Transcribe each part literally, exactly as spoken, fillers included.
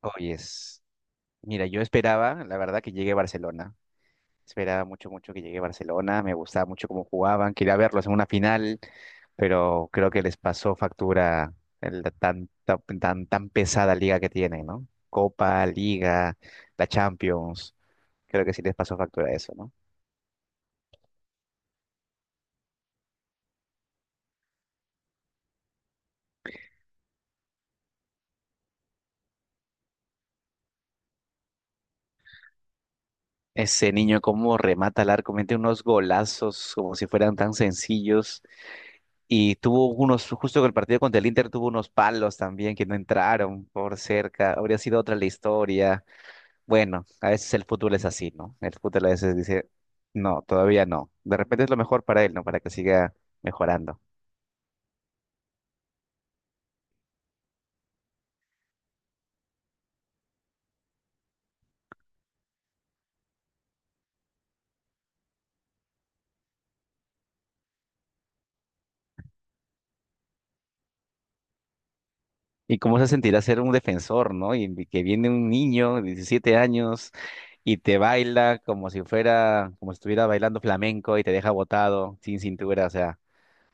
Oyes, mira, yo esperaba, la verdad, que llegue a Barcelona. Esperaba mucho, mucho que llegue a Barcelona. Me gustaba mucho cómo jugaban. Quería verlos en una final, pero creo que les pasó factura el- la tan, tan, tan, tan pesada liga que tienen, ¿no? Copa, Liga, la Champions. Creo que sí les pasó factura eso, ¿no? Ese niño cómo remata al arco, mete unos golazos como si fueran tan sencillos. Y tuvo unos, justo con el partido contra el Inter, tuvo unos palos también que no entraron por cerca. Habría sido otra la historia. Bueno, a veces el fútbol es así, ¿no? El fútbol a veces dice, no, todavía no. De repente es lo mejor para él, ¿no? Para que siga mejorando. ¿Y cómo se sentirá ser un defensor, ¿no? Y y que viene un niño de diecisiete años y te baila como si fuera, como si estuviera bailando flamenco y te deja botado, sin cintura, o sea.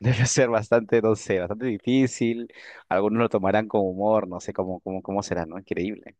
Debe ser bastante, no sé, bastante difícil. Algunos lo tomarán con humor, no sé cómo, cómo, cómo será, ¿no? Increíble.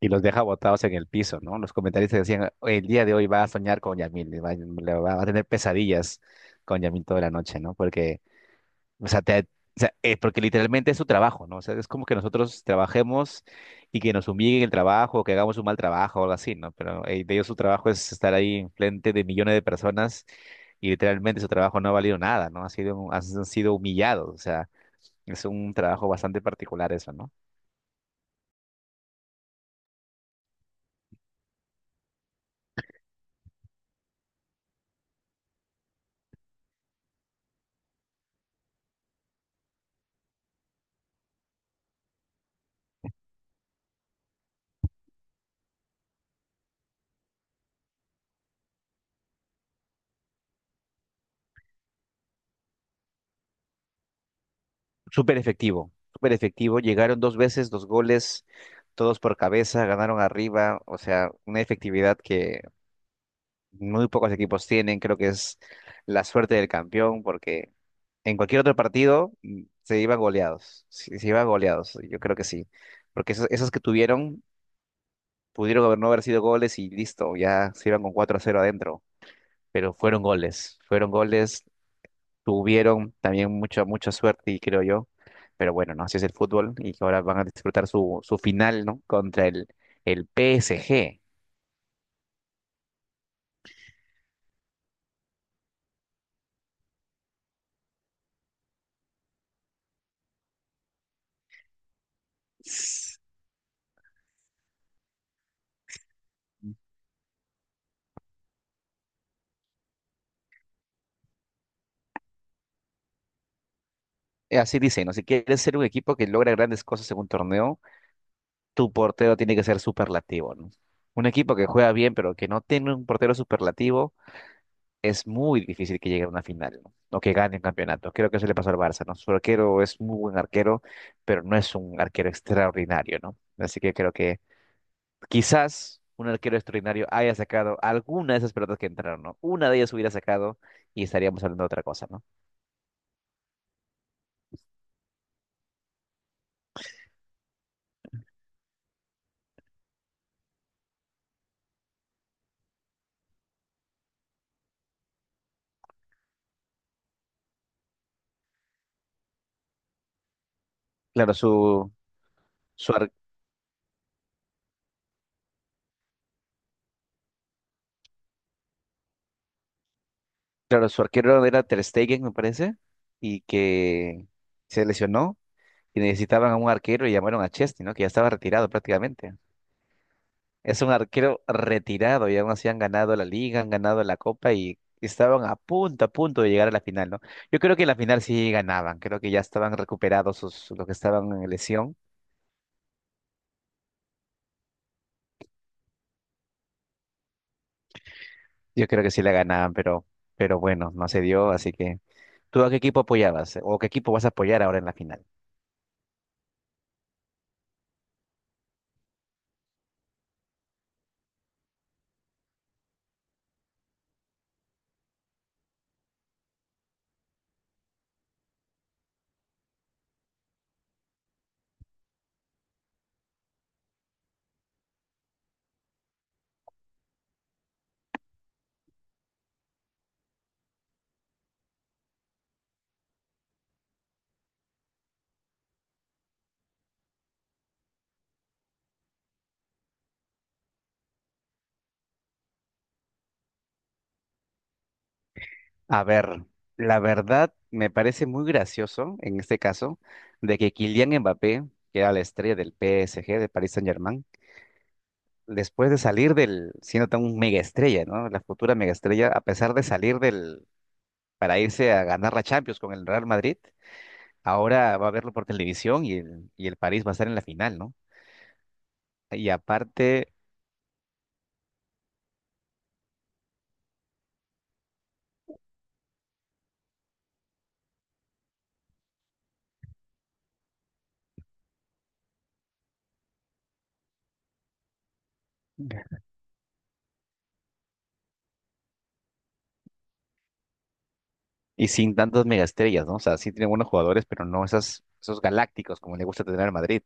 Y los deja botados en el piso, ¿no? Los comentaristas decían, el día de hoy va a soñar con Yamil, le va, le va- va a tener pesadillas con Yamil toda la noche, ¿no? Porque, o sea, te- o sea, eh, porque literalmente es su trabajo, ¿no? O sea, es como que nosotros trabajemos y que nos humillen el trabajo, o que hagamos un mal trabajo o algo así, ¿no? Pero eh, de ellos su trabajo es estar ahí frente de millones de personas y literalmente su trabajo no ha valido nada, ¿no? Ha sido, han sido humillados, o sea, es un trabajo bastante particular eso, ¿no? Súper efectivo, súper efectivo, llegaron dos veces, dos goles, todos por cabeza, ganaron arriba, o sea, una efectividad que muy pocos equipos tienen, creo que es la suerte del campeón, porque en cualquier otro partido mm, se iban goleados, se, se iban goleados, yo creo que sí, porque esos, esos que tuvieron pudieron haber no haber sido goles y listo, ya se iban con cuatro a cero adentro. Pero fueron goles, fueron goles, tuvieron también mucha, mucha suerte y creo yo, pero bueno, no, así es el fútbol y que ahora van a disfrutar su, su final, ¿no? Contra el, el P S G. S- G. S- eh, Así dicen, ¿no? Si quieres ser un equipo que logra grandes cosas en un torneo, tu portero tiene que ser superlativo, ¿no? Un equipo que juega bien, pero que no tiene un portero superlativo es muy difícil que llegue a una final, ¿no? O que gane un campeonato. Creo que eso le pasó al Barça, ¿no? Su arquero es muy buen arquero, pero no es un arquero extraordinario, ¿no? Así que creo que quizás un arquero extraordinario haya sacado alguna de esas pelotas que entraron, ¿no? Una de ellas hubiera sacado y estaríamos hablando de otra cosa, ¿no? Claro, su, su, ar- claro, su arquero era Ter Stegen, me parece, y que se lesionó y necesitaban a un arquero y llamaron a Chesney, ¿no? Que ya estaba retirado prácticamente. Es un arquero retirado y aún así han ganado la liga, han ganado la copa y estaban a punto, a punto de llegar a la final, ¿no? Yo creo que en la final sí ganaban, creo que ya estaban recuperados sus, los que estaban en lesión, yo creo que sí la ganaban, pero, pero bueno, no se dio, así que ¿tú a qué equipo apoyabas o qué equipo vas a apoyar ahora en la final? A ver, la verdad me parece muy gracioso en este caso de que Kylian Mbappé, que era la estrella del P S G, de Paris Saint-Germain, después de salir del, siendo tan un mega estrella, ¿no? La futura mega estrella, a pesar de salir del, para irse a ganar la Champions con el Real Madrid, ahora va a verlo por televisión y el, y el París va a estar en la final, ¿no? Y aparte, y sin tantas megaestrellas, ¿no? O sea, sí tiene buenos jugadores, pero no esas, esos galácticos como le gusta tener al Madrid.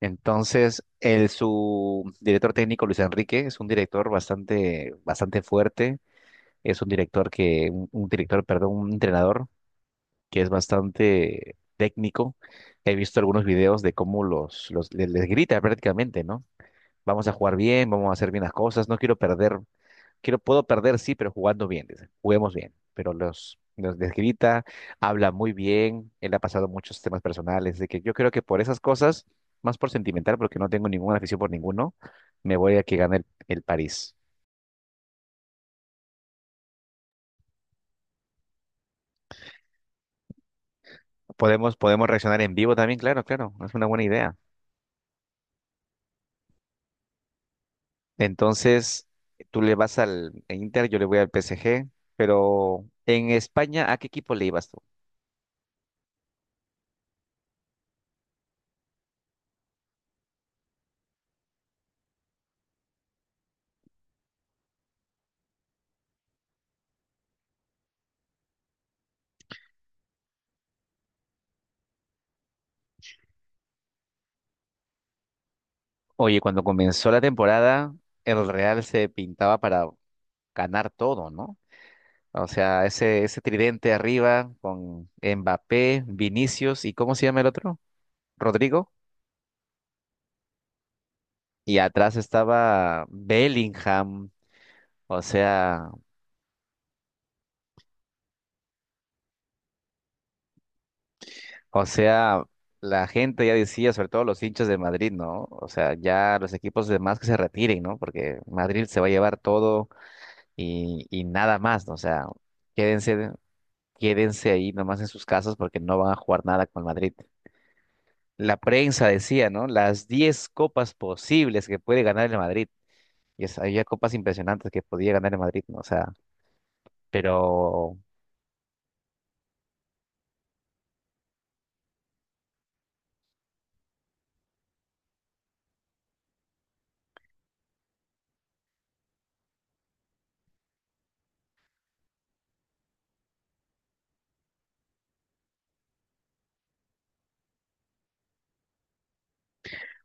Entonces, el, su director técnico, Luis Enrique, es un director bastante, bastante fuerte. Es un director que, un un director, perdón, un entrenador que es bastante técnico. He visto algunos videos de cómo los, los les, les grita prácticamente, ¿no? Vamos a jugar bien, vamos a hacer bien las cosas, no quiero perder, quiero, puedo perder, sí, pero jugando bien, dice, juguemos bien. Pero los, los les grita, habla muy bien, él ha pasado muchos temas personales, de que yo creo que por esas cosas, más por sentimental, porque no tengo ninguna afición por ninguno, me voy a que gane el, el París. Podemos, podemos reaccionar en vivo también, claro, claro, es una buena idea. Entonces, tú le vas al en Inter, yo le voy al P S G, pero en España, ¿a qué equipo le ibas tú? Oye, cuando comenzó la temporada, el Real se pintaba para ganar todo, ¿no? O sea, ese, ese tridente arriba con Mbappé, Vinicius y ¿cómo se llama el otro? Rodrigo. Y atrás estaba Bellingham. O sea, O sea, la gente ya decía, sobre todo los hinchas de Madrid, ¿no? O sea, ya los equipos demás que se retiren, ¿no? Porque Madrid se va a llevar todo y, y nada más, ¿no? O sea, quédense, quédense ahí nomás en sus casas porque no van a jugar nada con el Madrid. La prensa decía, ¿no? Las diez copas posibles que puede ganar el Madrid. Y es- había copas impresionantes que podía ganar el Madrid, ¿no? O sea, pero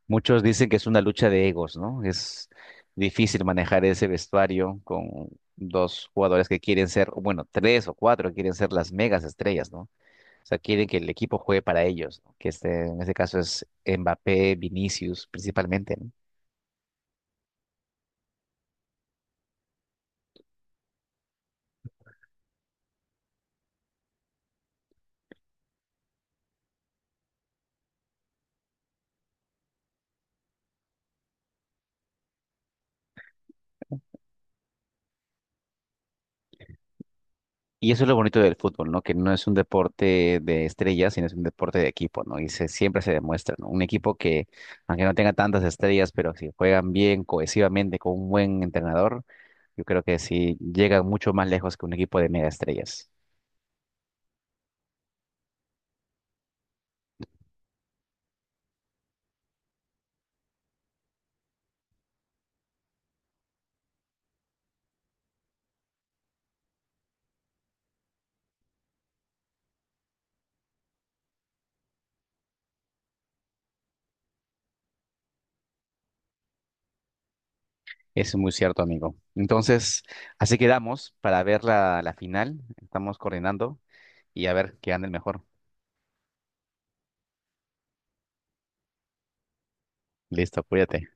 muchos dicen que es una lucha de egos, ¿no? Es difícil manejar ese vestuario con dos jugadores que quieren ser, o bueno, tres o cuatro que quieren ser las megas estrellas, ¿no? O sea, quieren que el equipo juegue para ellos, ¿no? Que este, en este caso es Mbappé, Vinicius, principalmente, ¿no? Y eso es lo bonito del fútbol, ¿no? Que no es un deporte de estrellas, sino es un deporte de equipo, ¿no? Y se, siempre se demuestra, ¿no? Un equipo que, aunque no tenga tantas estrellas, pero si juegan bien, cohesivamente, con un buen entrenador, yo creo que sí llegan mucho más lejos que un equipo de mega estrellas. Es muy cierto, amigo. Entonces, así quedamos para ver la, la final. Estamos coordinando y a ver qué gana el mejor. Listo, cuídate.